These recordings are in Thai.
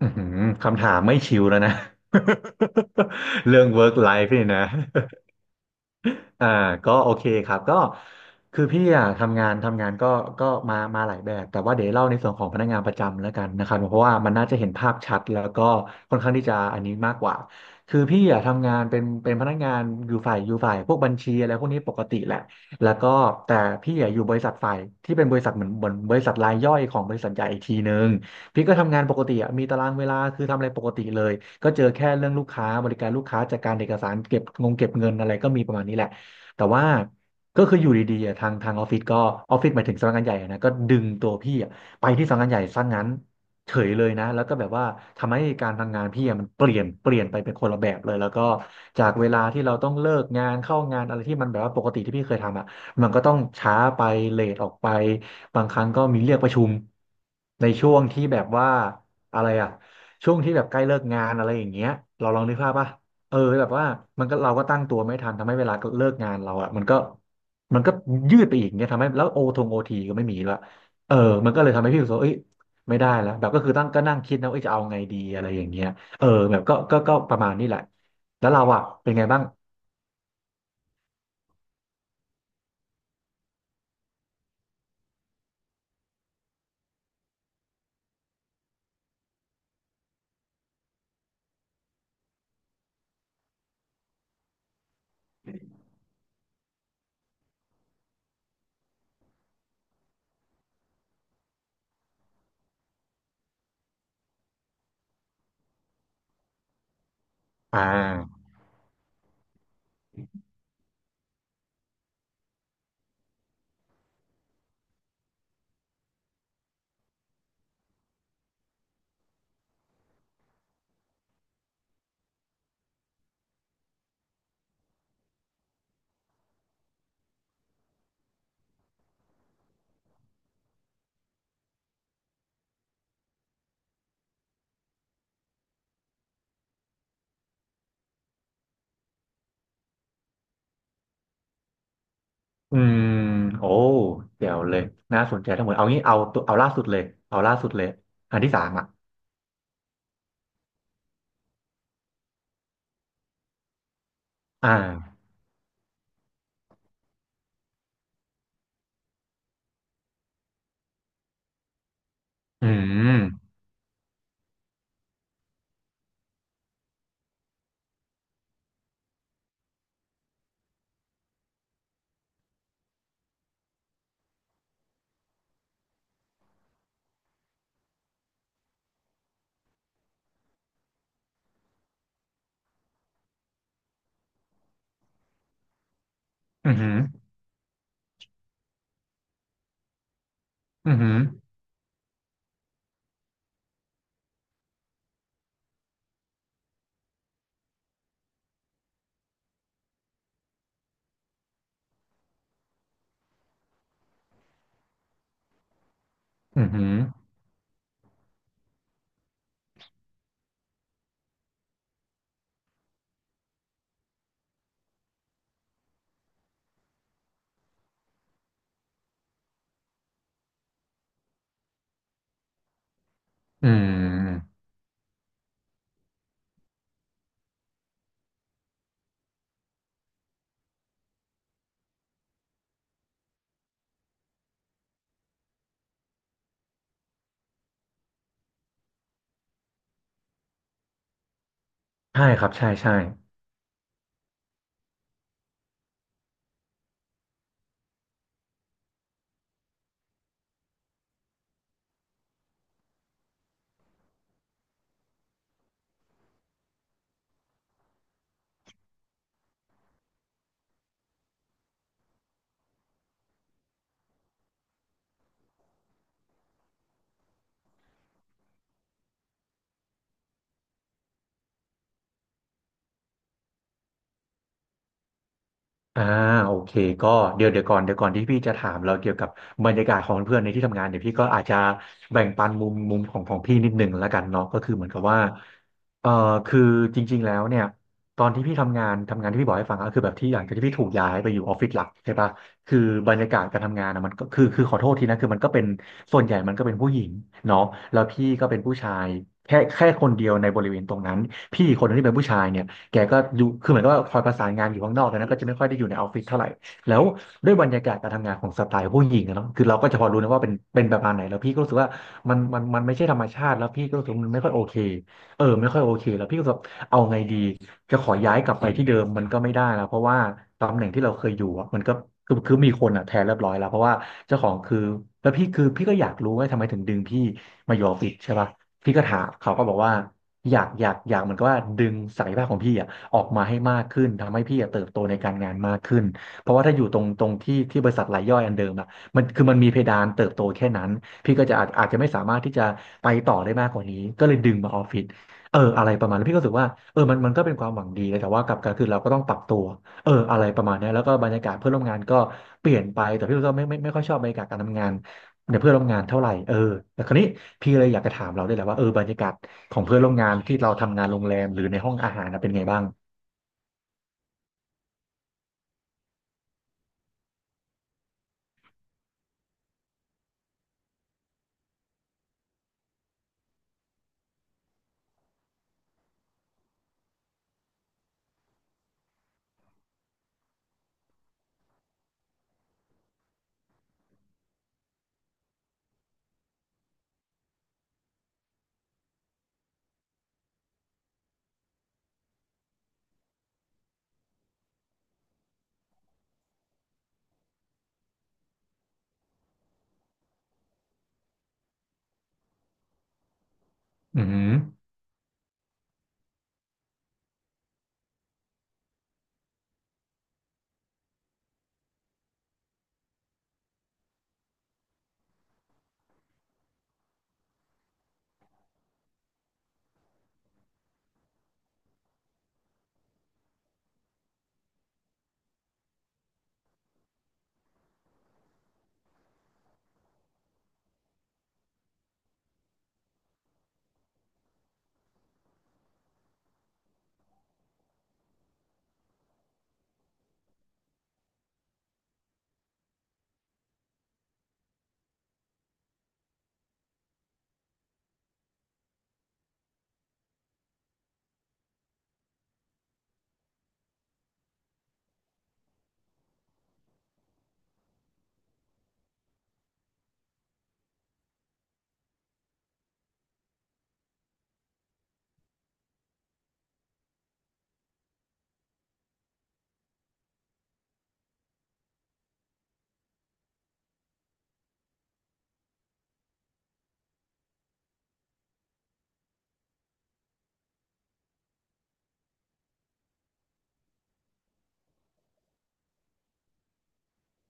อือหือคำถามไม่ชิวแล้วนะ เรื่อง work life นี่นะ อ่าก็โอเคครับก็คือพี่อ่ะทำงานก็ก็มาหลายแบบแต่ว่าเดี๋ยวเล่าในส่วนของพนักงานประจำแล้วกันนะครับเพราะว่ามันน่าจะเห็นภาพชัดแล้วก็ค่อนข้างที่จะอันนี้มากกว่าคือพี่อ่ะทำงานเป็นพนักงานอยู่ฝ่ายพวกบัญชีอะไรพวกนี้ปกติแหละแล้วก็แต่พี่อ่ะอยู่บริษัทฝ่ายที่เป็นบริษัทเหมือนบริษัทรายย่อยของบริษัทใหญ่อีกทีนึงพี่ก็ทำงานปกติอ่ะมีตารางเวลาคือทำอะไรปกติเลยก็เจอแค่เรื่องลูกค้าบริการลูกค้าจัดการเอกสารเก็บงงเก็บเงินอะไรก็มีประมาณนี้แหละ แต่ว่าก็คืออยู่ดีๆอะทางออฟฟิศก็ออฟฟิศหมายถึงสำนักงานใหญ่อะนะก็ดึงตัวพี่อะไปที่สำนักงานใหญ่ซะงั้นเฉยเลยนะแล้วก็แบบว่าทำให้การทำงานพี่อะมันเปลี่ยนไปเป็นคนละแบบเลยแล้วก็จากเวลาที่เราต้องเลิกงานเข้างานอะไรที่มันแบบว่าปกติที่พี่เคยทำอะมันก็ต้องช้าไปเลทออกไปบางครั้งก็มีเรียกประชุมในช่วงที่แบบว่าอะไรอะช่วงที่แบบใกล้เลิกงานอะไรอย่างเงี้ยเราลองนึกภาพป่ะ เออแบบว่ามันก็เราก็ตั้งตัวไม่ทันทำให้เวลาเลิกงานเราอะมันก็ยืดไปอีกเนี่ยทำให้แล้วโอทีก็ไม่มีละเออมันก็เลยทำให้พี่รู้สึกว่าเอ้ยไม่ได้แล้วแบบก็คือตั้งก็นั่งคิดนะว่าเอ้ยจะเอาไงดีอะไรอย่างเงี้ยเออแบบก็ประมาณนี้แหละแล้วเราอะเป็นไงบ้างอ่าอืมโอ้เดี๋ยวเลยน่าสนใจทั้งหมดเอางี้เอาตัวเอาล่าสุดเลยเอาล่าสุดเลยอันที่สามอ่ะอ่าอืมอืมอหืมออืมอหืมออืมอหืมใช่ครับใช่ใช่ อ่าโอเคก็เดี๋ยวเดี๋ยวก่อนที่พี่จะถามเราเกี่ยวกับบรรยากาศของเพื่อนในที่ทำงานเดี๋ยวพี่ก็อาจจะแบ่งปันมุมของของพี่นิดหนึ่งแล้วกันเนาะก็คือเหมือนกับว่าเอ่อคือจริงๆแล้วเนี่ยตอนที่พี่ทำงานที่พี่บอกให้ฟังก็คือแบบที่หลังจากที่พี่ถูกย้ายไปอยู่ออฟฟิศหลักใช่ปะคือบรรยากาศการทำงานอะมันก็คือขอโทษทีนะคือมันก็เป็นส่วนใหญ่มันก็เป็นผู้หญิงเนาะแล้วพี่ก็เป็นผู้ชายแค่คนเดียวในบริเวณตรงนั้นพี่อีกคนนึงที่เป็นผู้ชายเนี่ย แกก็อยู่คือเหมือนกับว่าคอยประสานงานอยู่ข้างนอกดังนั้นก็จะไม่ค่อยได้อยู่ในออฟฟิศเท่าไหร่แล้วด้วยบรรยากาศการทำงานของสไตล์ผู้หญิงอะเนาะคือเราก็จะพอรู้นะว่าเป็นประมาณไหนแล้วพี่ก็รู้สึกว่ามันไม่ใช่ธรรมชาติแล้วพี่ก็รู้สึกว่ามันไม่ค่อยโอเคเออไม่ค่อยโอเคแล้วพี่ก็รู้สึกว่าเอาไงดีจะขอย้ายกลับไปที่เดิมมันก็ไม่ได้แล้วเพราะว่าตำแหน่งที่เราเคยอยู่อะมันก็คือมีคนอะแทนเรียบร้อยแล้วเพราะว่าเจ้าของคือแล้วพี่คือพี่ก็อยากรู้ว่าทำไมถึงดึงพี่มาอยู่ออฟฟิศใช่ปะพี่ก็ถามเขาก็บอกว่า อยากเหมือนกับว่าดึงศักยภาพของพี่อ่ะออกมาให้มากขึ้นทำให้พี่อะเติบโตในการงานมากขึ้นเพราะว่าถ้าอยู่ตรงที่บริษัทรายย่อยอันเดิมอ่ะมันคือมันมีเพดานเติบโตแค่นั้นพี่ก็จะอาจจะไม่สามารถที่จะไปต่อได้มากกว่านี้ก็เลยดึงมาออฟฟิศเอออะไรประมาณนั้นพี่ก็รู้สึกว่าเออมันก็เป็นความหวังดีนะแต่ว่ากลับกันคือเราก็ต้องปรับตัวเอออะไรประมาณเนี้ยแล้วก็บรรยากาศเพื่อนร่วมงานก็เปลี่ยนไปแต่พี่ก็ไม่ค่อยชอบบรรยากาศการทำงาน ในเพื่อนร่วมงานเท่าไหร่เออแต่คราวนี้พี่เลยอยากจะถามเราด้วยแหละว่าเออบรรยากาศของเพื่อนร่วมงานที่เราทำงานโรงแรมหรือในห้องอาหารนะเป็นไงบ้างอืม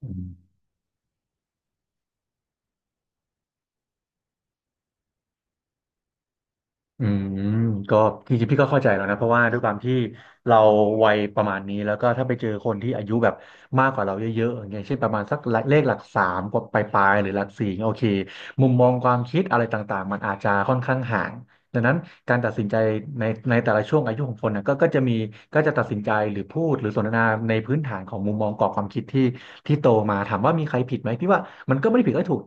อืมอืมก็จริงๆพี่ก็เข้าใจแล้วนะเพราะว่าด้วยความที่เราวัยประมาณนี้แล้วก็ถ้าไปเจอคนที่อายุแบบมากกว่าเราเยอะๆอย่างเงี้ยเช่นประมาณสักเลขหลักสามกว่าปลายๆหรือหลักสี่โอเคมุมมองความคิดอะไรต่างๆมันอาจจะค่อนข้างห่าง ดังนั้นการตัดสินใจในในแต่ละช่วงอายุของคนนะก็จะมีก็จะตัดสินใจหรือพูดหรือสนทนาในพื้นฐานของมุมมองกรอบความคิดที่โตมาถามว่ามีใครผิดไหมพี่ว่ามันก็ไม่ได้ผิดก็ถูก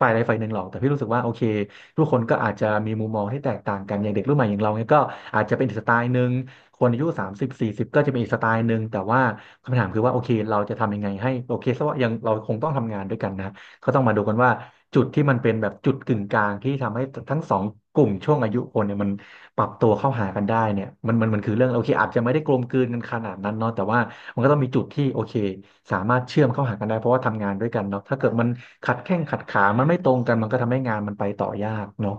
ฝ่ายใดฝ่ายหนึ่งหรอกแต่พี่รู้สึกว่าโอเคทุกคนก็อาจจะมีมุมมองที่แตกต่างกันอย่างเด็กรุ่นใหม่อย่างเราเนี่ยก็อาจจะเป็นอีกสไตล์หนึ่งคนอายุ3040ก็จะเป็นอีกสไตล์หนึ่งแต่ว่าคำถามคือว่าโอเคเราจะทำยังไงให้โอเคซะว่ายังเราคงต้องทำงานด้วยกันนะ ก็ต้องมาดูกันว่าจุดที่มันเป็นแบบจุดกึ่งกลางที่ทำให้ทั้งสองกลุ่มช่วงอายุคนเนี่ยมันปรับตัวเข้าหากันได้เนี่ยมันคือเรื่องโอเคอาจจะไม่ได้กลมกลืนกันขนาดนั้นเนาะแต่ว่ามันก็ต้องมีจุดที่โอเคสามารถเชื่อมเข้าหากันได้เพราะว่าทำงานด้วยกันเนาะถ้าเกิดมันขัดแข้งขัดขามันไม่ตรงกันมันก็ทำให้งานมันไปต่อยากเนาะ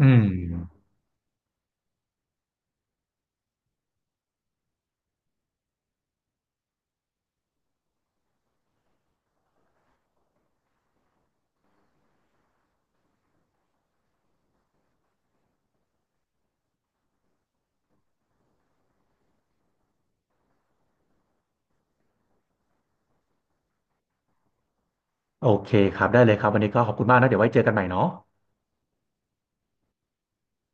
อืมโอเคครับได้เลยครับวันนี้ก็ขอบคุณมากนะเดี๋ยวไว้เจอกันใหม่เนาะ